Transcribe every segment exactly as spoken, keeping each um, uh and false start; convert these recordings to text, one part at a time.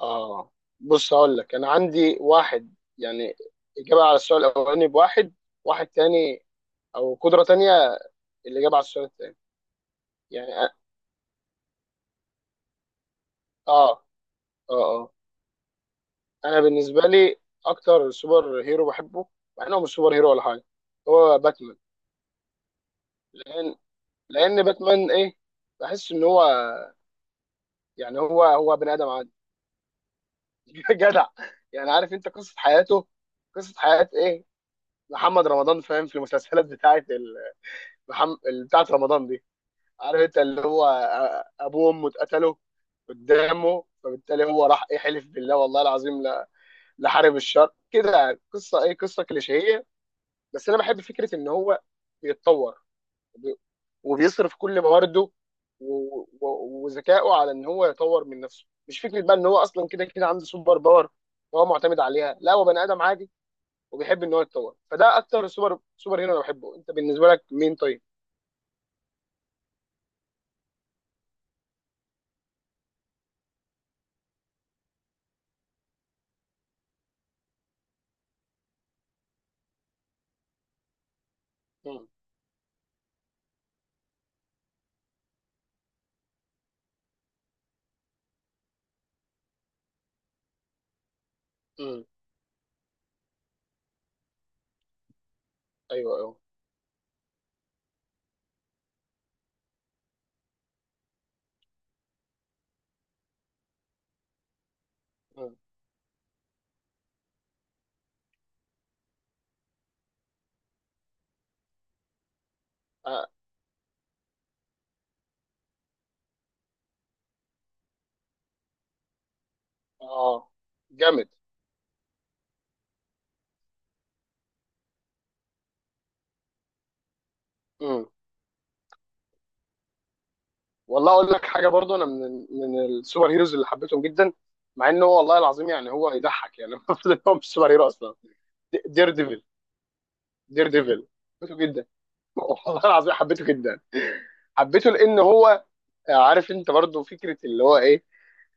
اه. بص هقول لك انا عندي واحد، يعني اجابه على السؤال الاولاني بواحد. واحد تاني او قدره تانيه الاجابه على السؤال التاني. يعني أ- اه اه اه انا بالنسبه لي اكتر سوبر هيرو بحبه، مع انه مش سوبر هيرو ولا حاجه، هو باتمان. لان لان باتمان ايه، بحس ان هو، يعني هو هو بني ادم عادي. جدع. يعني عارف انت قصه حياته، قصه حياه ايه، محمد رمضان فاهم، في المسلسلات بتاعت ال... محم... بتاعت رمضان دي. عارف انت اللي هو ابوه وامه اتقتلوا قدامه، فبالتالي هو راح ايه حلف بالله والله العظيم لا لحارب الشر كده، يعني قصه ايه، قصه كليشيهيه. بس انا بحب فكره ان هو بيتطور وبي- وبيصرف كل موارده و- و- وذكائه على ان هو يطور من نفسه، مش فكره بقى ان هو اصلا كده كده عنده سوبر باور وهو معتمد عليها، لا هو بني ادم عادي وبيحب ان هو يتطور. فده اكتر سوبر سوبر هيرو انا بحبه. انت بالنسبه لك مين طيب؟ امم. امم. ايوه ايوه. مم. اه، جامد. امم. والله اقول لك حاجه برضو، انا من من السوبر هيروز اللي حبيتهم جدا، مع انه هو والله العظيم يعني هو يضحك يعني المفروض ان هو مش سوبر هيرو اصلا. دير ديفل. دير ديفل حبيته جدا. والله العظيم حبيته جدا. حبيته لان هو، عارف انت برضو فكره اللي هو ايه،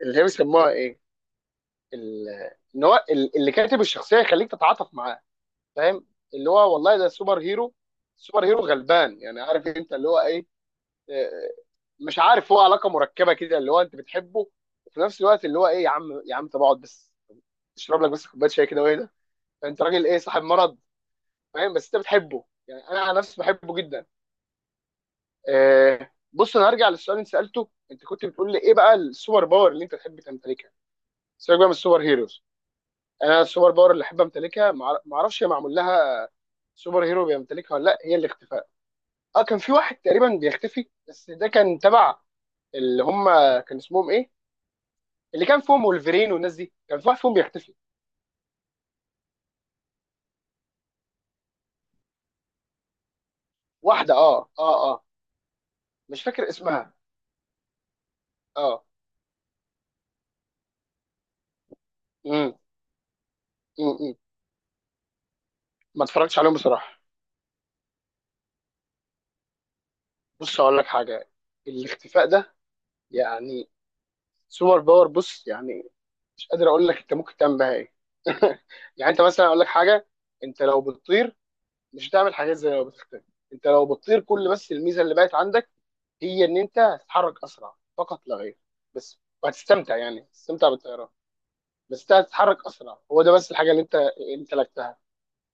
اللي هي بيسموها ايه، ال- ان هو ال- اللي كاتب الشخصيه يخليك تتعاطف معاه، فاهم؟ اللي هو والله ده سوبر هيرو، سوبر هيرو غلبان، يعني عارف انت اللي هو إيه، مش عارف، هو علاقه مركبه كده اللي هو انت بتحبه وفي نفس الوقت اللي هو ايه، يا عم يا عم طب اقعد بس تشرب لك بس كوبايه شاي كده، وايه ده انت راجل ايه صاحب مرض. فاهم؟ بس انت بتحبه يعني انا على نفسي بحبه جدا. آه، بص انا هرجع للسؤال اللي سالته، انت كنت بتقول لي ايه بقى السوبر باور اللي انت تحب تمتلكها، سيبك بقى من السوبر هيروز. انا السوبر باور اللي احب امتلكها، ما اعرفش هي معمول لها سوبر هيرو بيمتلكها ولا لا، هي الاختفاء. اه كان في واحد تقريبا بيختفي، بس ده كان تبع اللي هم كان اسمهم ايه، اللي كان فيهم وولفرين والناس دي، كان في واحد فيهم بيختفي. واحده، اه اه اه. مش فاكر اسمها. اه. امم. امم. ما اتفرجتش عليهم بصراحه. بص اقول لك حاجه، الاختفاء ده يعني سوبر باور، بص يعني مش قادر اقول لك انت ممكن تعمل بيها ايه. يعني انت مثلا اقول لك حاجه، انت لو بتطير مش هتعمل حاجات زي لو بتختفي. انت لو بتطير كل بس الميزه اللي بقت عندك هي ان انت هتتحرك اسرع فقط لا غير، بس، وهتستمتع يعني هتستمتع بالطيران. بس انت هتتحرك اسرع، هو ده بس الحاجه اللي انت انت لكتها.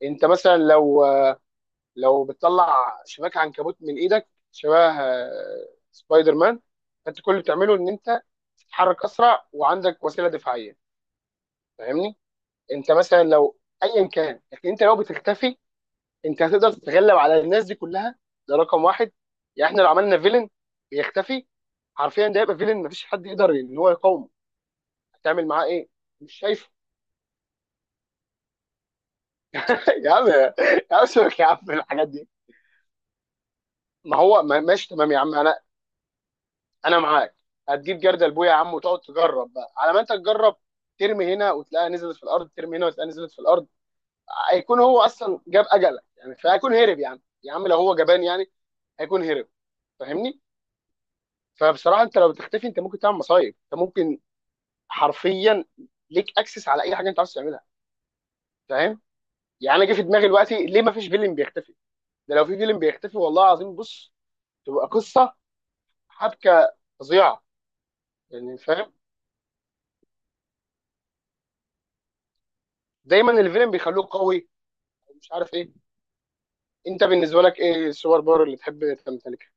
انت مثلا لو، لو بتطلع شباك عنكبوت من ايدك شبه آه، سبايدر مان، فانت كل اللي بتعمله ان انت تتحرك اسرع وعندك وسيله دفاعيه. فاهمني؟ انت مثلا لو ايا كان، لكن انت لو بتختفي انت هتقدر تتغلب على الناس دي كلها. ده رقم واحد. يعني احنا لو عملنا فيلن بيختفي، حرفيا ده يبقى فيلن مفيش حد يقدر ان هو يقاومه، هتعمل معاه ايه؟ مش شايفه. يا عم يا عم سيبك يا عم من الحاجات دي. ما هو ما- ماشي تمام يا عم، انا انا معاك. هتجيب جردل بويا يا عم وتقعد تجرب بقى، على ما انت تجرب، ترمي هنا وتلاقيها نزلت في الارض، ترمي هنا وتلاقيها نزلت في الارض. هيكون هو اصلا جاب اجلك يعني، فهيكون هرب يا عم. يا عم لو هو جبان يعني هيكون هرب. فاهمني؟ فبصراحه انت لو تختفي انت ممكن تعمل مصايب. انت ممكن حرفيا ليك اكسس على اي حاجه انت عاوز تعملها. فاهم؟ يعني انا جه في دماغي دلوقتي ليه ما فيش فيلم بيختفي؟ ده لو في فيلم بيختفي والله العظيم، بص تبقى قصه، حبكه فظيعه، يعني فاهم؟ دايما الفيلم بيخلوه قوي مش عارف ايه. انت بالنسبه لك ايه السوبر باور اللي تحب تمتلكها؟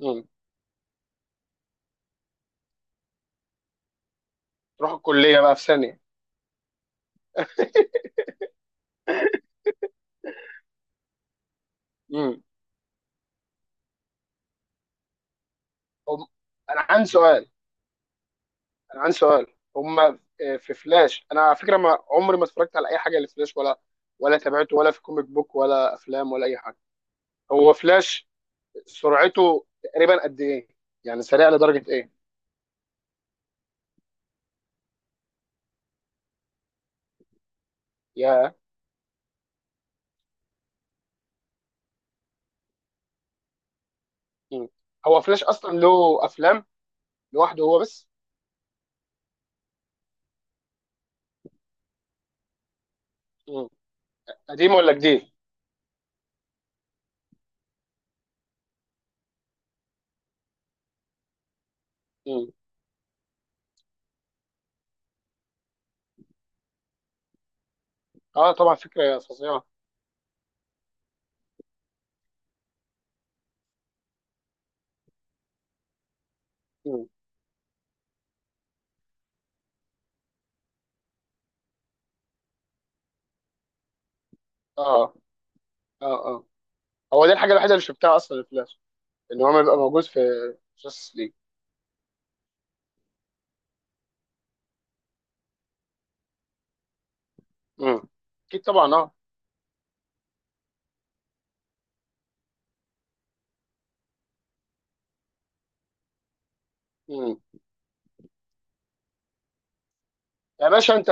امم. تروح الكليه بقى في ثانيه. امم. هم... انا عندي سؤال، انا عندي سؤال. هم آه، في فلاش، انا على فكره ما عمري ما اتفرجت على اي حاجه لفلاش، ولا ولا تابعته ولا في كوميك بوك ولا افلام ولا اي حاجه، هو فلاش سرعته تقريبا قد ايه؟ يعني سريع لدرجه ايه؟ يا. مم. هو فلاش اصلا له افلام لوحده هو بس؟ مم. قديم ولا جديد؟ مم. اه طبعا فكره فظيعه. مم. اه اه اه هو دي الحاجه الوحيده اللي شفتها اصلا في فلاش، ان هو ما بيبقى موجود في جاستس ليج. امم. اكيد طبعا، اه. امم. يا باشا انت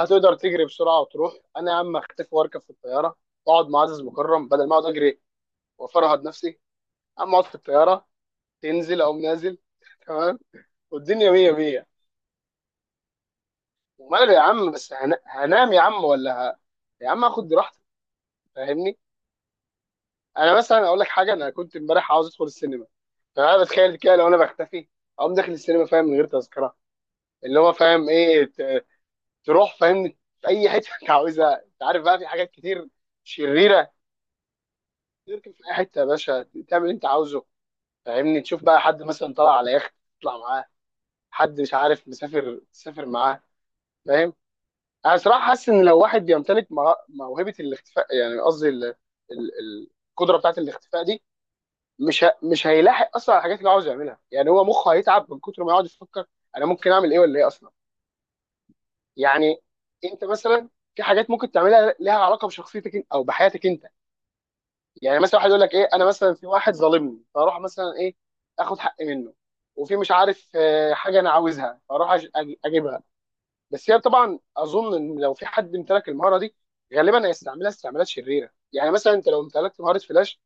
هتقدر تجري بسرعه وتروح، انا يا عم اختفي واركب في الطياره واقعد مع عزيز مكرم بدل ما اقعد اجري وافرهد نفسي، اما اقعد في الطياره تنزل او نازل. تمام. والدنيا مية مية. وماله يا عم، بس هن... هنام يا عم ولا ه... يا عم اخد راحتي. فاهمني؟ انا مثلا اقول لك حاجه، انا كنت امبارح عاوز ادخل السينما، فانا بتخيل كده لو انا بختفي اقوم داخل السينما، فاهم؟ من غير تذكره. اللي هو فاهم ايه، ت- تروح، فاهم؟ في اي حته انت عاوزها. انت عارف بقى في حاجات كتير شريره، تركب في اي حته يا باشا، تعمل اللي انت عاوزه. فاهمني؟ تشوف بقى حد مثلا طلع على يخت تطلع معاه، حد مش عارف مسافر تسافر معاه. فاهم؟ انا صراحه حاسس ان لو واحد بيمتلك مه- موهبه الاختفاء، يعني قصدي ال- ال- القدره بتاعت الاختفاء دي، مش ه... مش هيلاحق اصلا على الحاجات اللي عاوز يعملها. يعني هو مخه هيتعب من كتر ما يقعد يفكر انا ممكن اعمل ايه ولا ايه اصلا. يعني انت مثلا، في حاجات ممكن تعملها لها علاقه بشخصيتك إن- او بحياتك انت. يعني مثلا واحد يقول لك ايه، انا مثلا في واحد ظالمني فاروح مثلا ايه اخد حقي منه، وفي مش عارف آه، حاجه انا عاوزها فاروح أج- أج- اجيبها. بس هي طبعا اظن ان لو في حد امتلك المهاره دي غالبا هيستعملها استعمالات شريره. يعني مثلا انت لو امتلكت مهاره فلاش،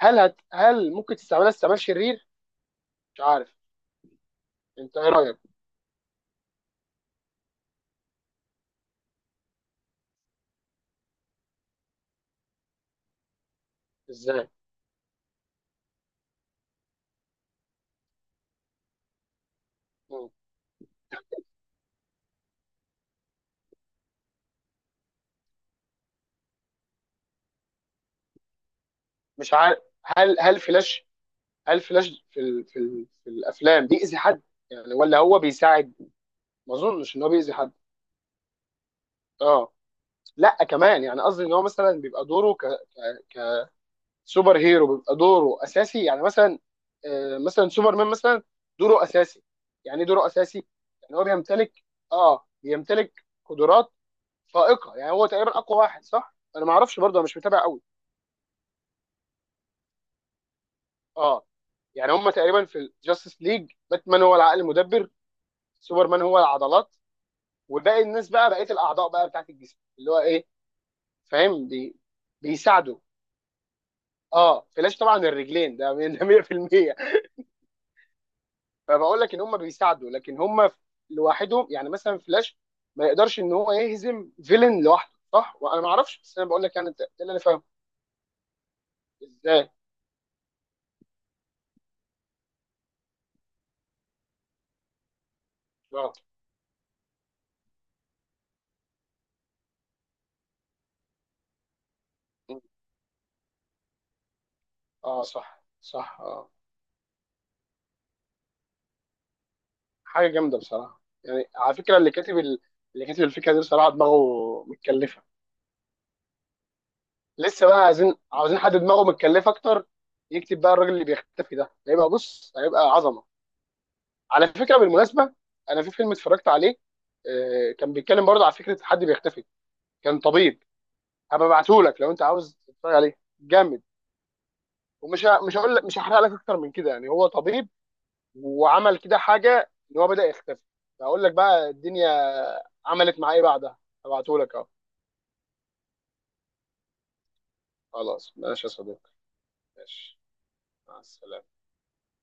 هل هت... هل ممكن تستعملها استعمال شرير؟ مش عارف، انت ايه رايك؟ ازاي. مم. مش عارف، هل هل فلاش، هل فلاش في ال... في ال... في الافلام بيأذي حد يعني ولا هو بيساعد؟ ما اظنش ان هو بيأذي حد. اه. لا كمان يعني قصدي ان هو مثلا بيبقى دوره ك... ك... كسوبر هيرو بيبقى دوره اساسي. يعني مثلا، آه مثلا سوبرمان مثلا دوره اساسي، يعني ايه دوره اساسي؟ يعني هو بيمتلك، اه بيمتلك قدرات فائقة. يعني هو تقريبا اقوى واحد صح، انا ما اعرفش برضه، أنا مش متابع قوي. اه. يعني هم تقريبا في الجاستس ليج، باتمان هو العقل المدبر، سوبرمان هو العضلات، وباقي الناس بقى بقيه الاعضاء بقى بتاعت الجسم اللي هو ايه، فاهم؟ بي... بيساعدوا. اه فلاش طبعا الرجلين ده من- ده مية بالمية. فبقول لك ان هم بيساعدوا، لكن هم لوحدهم يعني مثلا فلاش ما يقدرش ان هو يهزم فيلن لوحده صح، وانا ما اعرفش بس انا بقول لك يعني انت، ده اللي انا فاهمه. ازاي. اه. اه صح صح اه. حاجه جامده بصراحه، يعني على فكره اللي كاتب ال... اللي كاتب الفكره دي بصراحه دماغه متكلفه. لسه بقى عايزين، عاوزين حد دماغه متكلفه اكتر، يكتب بقى الراجل اللي بيختفي ده، هيبقى بص هيبقى عظمه. على فكره بالمناسبه، انا في فيلم اتفرجت عليه آه، كان بيتكلم برضه على فكره حد بيختفي، كان طبيب. هبقى ابعته لك لو انت عاوز تتفرج عليه، جامد. ومش ه... مش هقول لك، مش هحرق لك اكتر من كده يعني. هو طبيب وعمل كده حاجه ان هو بدا يختفي. هقول لك بقى الدنيا عملت معاه ايه بعدها. هبعته لك اهو. خلاص ماشي يا صديقي. ماشي. مع السلامة.